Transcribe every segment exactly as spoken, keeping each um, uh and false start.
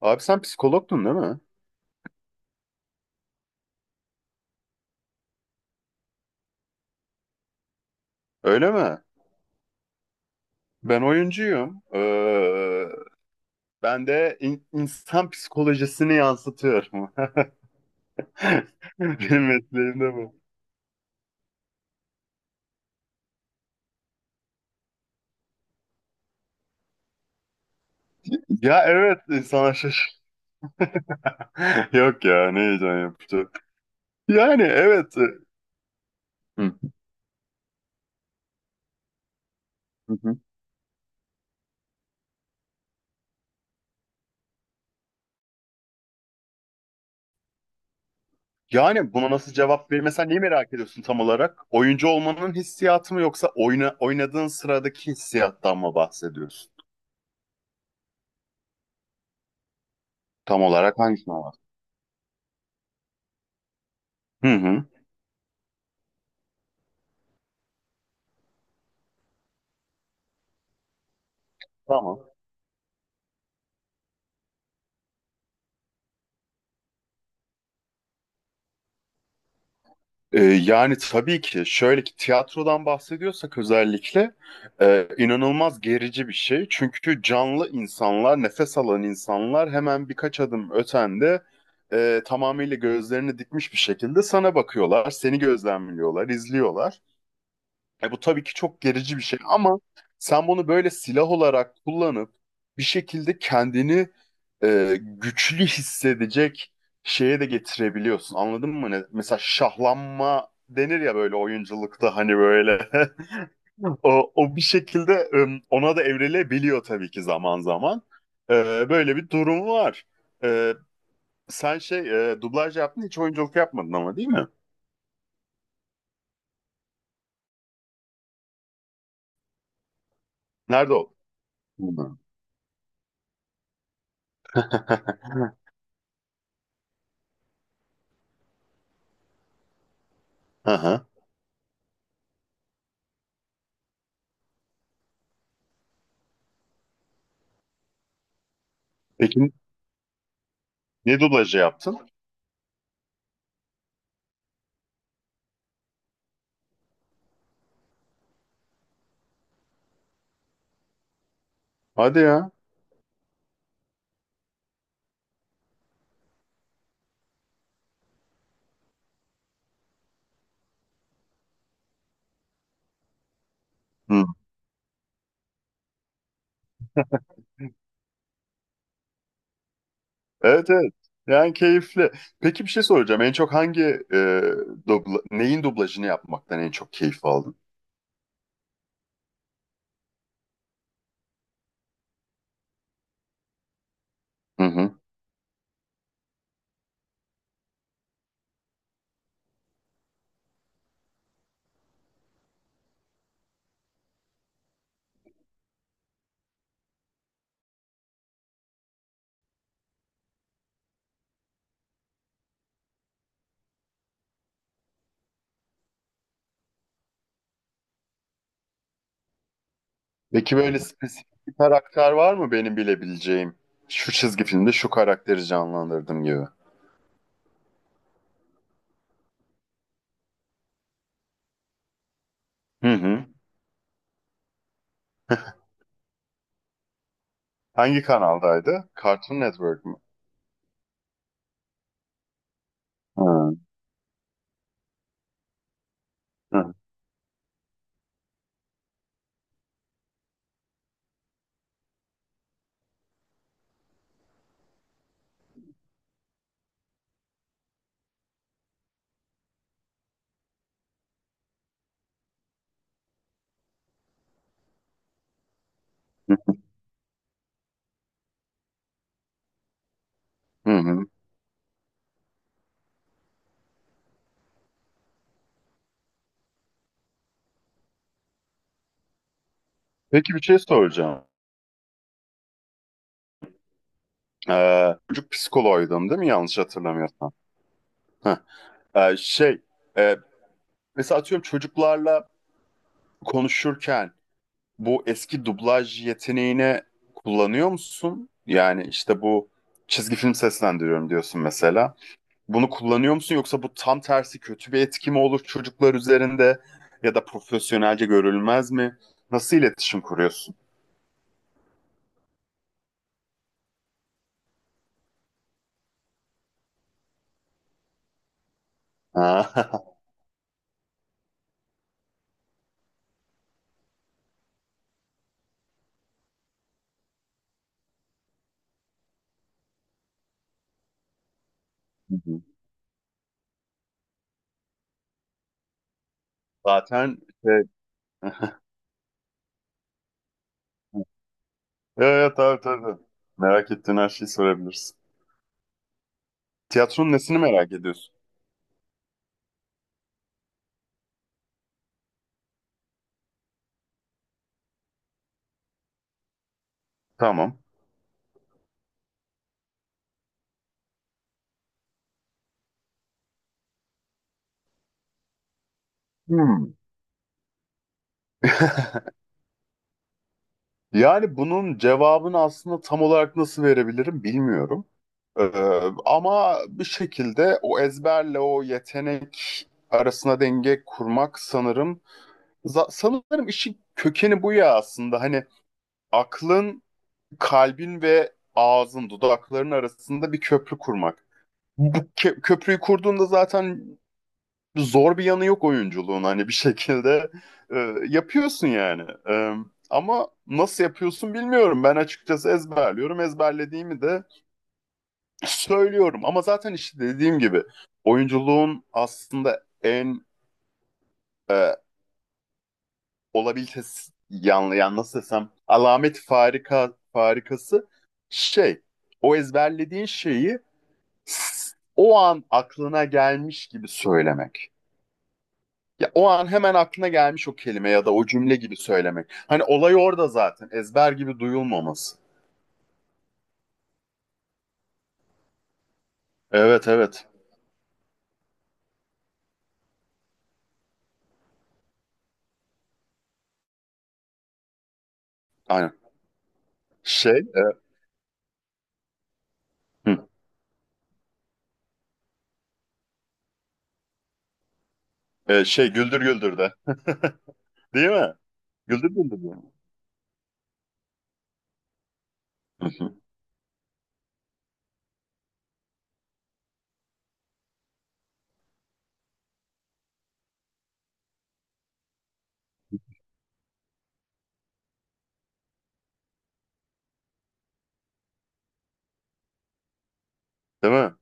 Abi sen psikologdun değil mi? Öyle mi? Ben oyuncuyum. Ee, ben de in- insan psikolojisini yansıtıyorum. Benim mesleğim de bu. Ya evet insana şaşır. Yok ya ne heyecan yapıcı. Yani evet. e, Hı. Hı hı. Yani buna nasıl cevap verir? Mesela neyi merak ediyorsun tam olarak? Oyuncu olmanın hissiyatı mı yoksa oyna, oynadığın sıradaki hissiyattan mı bahsediyorsun? Tam olarak hangisinden bahsediyorsun? Hı hı. Tamam. Ee, yani tabii ki şöyle ki tiyatrodan bahsediyorsak özellikle e, inanılmaz gerici bir şey. Çünkü canlı insanlar, nefes alan insanlar hemen birkaç adım ötende e, tamamıyla gözlerini dikmiş bir şekilde sana bakıyorlar, seni gözlemliyorlar, izliyorlar. E bu tabii ki çok gerici bir şey ama sen bunu böyle silah olarak kullanıp bir şekilde kendini e, güçlü hissedecek şeye de getirebiliyorsun. Anladın mı? Ne? Mesela şahlanma denir ya böyle oyunculukta hani böyle. O, o bir şekilde e, ona da evrilebiliyor tabii ki zaman zaman. E, Böyle bir durum var. E, Sen şey e, dublaj yaptın hiç oyunculuk yapmadın ama değil mi? Nerede oldun? Hı. Aha. Peki ne dublajı yaptın? Hadi ya. Hı. Evet evet. Yani keyifli. Peki bir şey soracağım. En çok hangi e, dubla, neyin dublajını yapmaktan en çok keyif aldın? Hı hı. Peki böyle spesifik bir karakter var mı benim bilebileceğim? Şu çizgi filmde şu karakteri canlandırdım gibi. Hı hı. Hangi kanaldaydı? Cartoon Network mu? Hı hı. Hı hı. Peki bir şey soracağım. Ee, çocuk psikoloğuydun değil mi? Yanlış hatırlamıyorsam. Heh. Ee, şey, e, mesela atıyorum çocuklarla konuşurken bu eski dublaj yeteneğini kullanıyor musun? Yani işte bu çizgi film seslendiriyorum diyorsun mesela. Bunu kullanıyor musun yoksa bu tam tersi kötü bir etki mi olur çocuklar üzerinde ya da profesyonelce görülmez mi? Nasıl iletişim kuruyorsun? Zaten şey... Evet, tabii tabii. Merak ettiğin her şeyi sorabilirsin. Tiyatronun nesini merak ediyorsun? Tamam. Hmm. Yani bunun cevabını aslında tam olarak nasıl verebilirim bilmiyorum. Ee, Ama bir şekilde o ezberle o yetenek arasına denge kurmak sanırım za- sanırım işin kökeni bu ya aslında. Hani aklın, kalbin ve ağzın, dudakların arasında bir köprü kurmak. Bu kö- köprüyü kurduğunda zaten zor bir yanı yok oyunculuğun hani bir şekilde e, yapıyorsun yani. E, Ama nasıl yapıyorsun bilmiyorum. Ben açıkçası ezberliyorum. Ezberlediğimi de söylüyorum. Ama zaten işte dediğim gibi oyunculuğun aslında en e, olabilitesi yanlı yani nasıl desem alamet farika farikası şey o ezberlediğin şeyi o an aklına gelmiş gibi söylemek. Ya o an hemen aklına gelmiş o kelime ya da o cümle gibi söylemek. Hani olay orada zaten. Ezber gibi duyulmaması. Evet evet. Aynen. Şey, e, hı, e, şey Güldür Güldür de. Değil mi? Güldür Güldür de. Hı hı. Değil mi?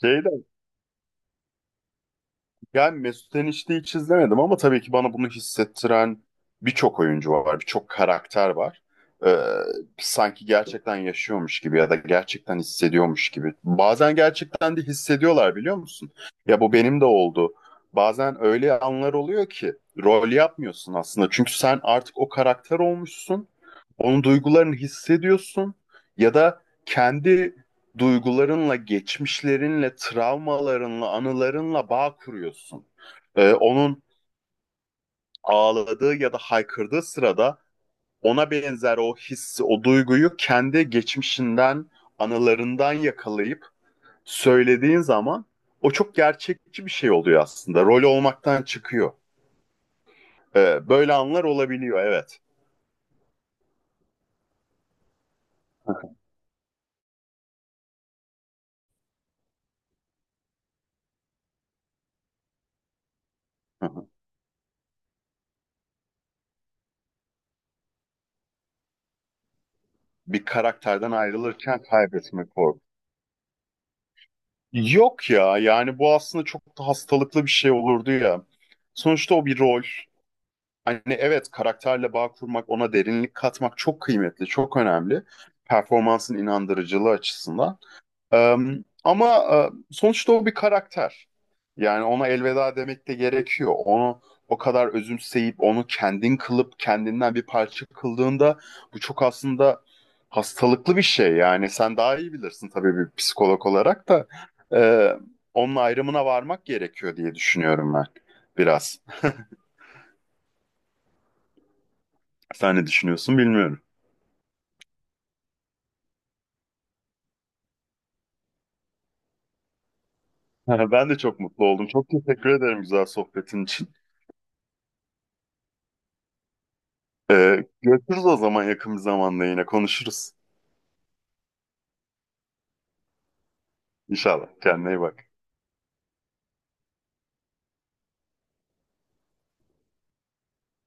Şey de Yani Mesut Enişte'yi hiç izlemedim ama tabii ki bana bunu hissettiren birçok oyuncu var, birçok karakter var. Ee, Sanki gerçekten yaşıyormuş gibi ya da gerçekten hissediyormuş gibi. Bazen gerçekten de hissediyorlar biliyor musun? Ya bu benim de oldu. Bazen öyle anlar oluyor ki rol yapmıyorsun aslında. Çünkü sen artık o karakter olmuşsun. Onun duygularını hissediyorsun ya da kendi duygularınla, geçmişlerinle, travmalarınla, anılarınla bağ kuruyorsun. Ee, onun ağladığı ya da haykırdığı sırada ona benzer o hissi, o duyguyu kendi geçmişinden, anılarından yakalayıp söylediğin zaman o çok gerçekçi bir şey oluyor aslında. Rol olmaktan çıkıyor. Ee, böyle anlar olabiliyor, evet. Bir karakterden ayrılırken kaybetme korkusu. Yok ya yani bu aslında çok da hastalıklı bir şey olurdu ya. Sonuçta o bir rol. Hani evet karakterle bağ kurmak, ona derinlik katmak çok kıymetli, çok önemli. Performansın inandırıcılığı açısından. Ee, Ama e, sonuçta o bir karakter. Yani ona elveda demek de gerekiyor. Onu o kadar özümseyip onu kendin kılıp kendinden bir parça kıldığında bu çok aslında hastalıklı bir şey. Yani sen daha iyi bilirsin tabii bir psikolog olarak da. Ee, Onun ayrımına varmak gerekiyor diye düşünüyorum ben biraz. Sen ne düşünüyorsun bilmiyorum. Ben de çok mutlu oldum. Çok teşekkür ederim güzel sohbetin için. Ee, görüşürüz o zaman yakın bir zamanda yine konuşuruz. İnşallah. Kendine iyi bak.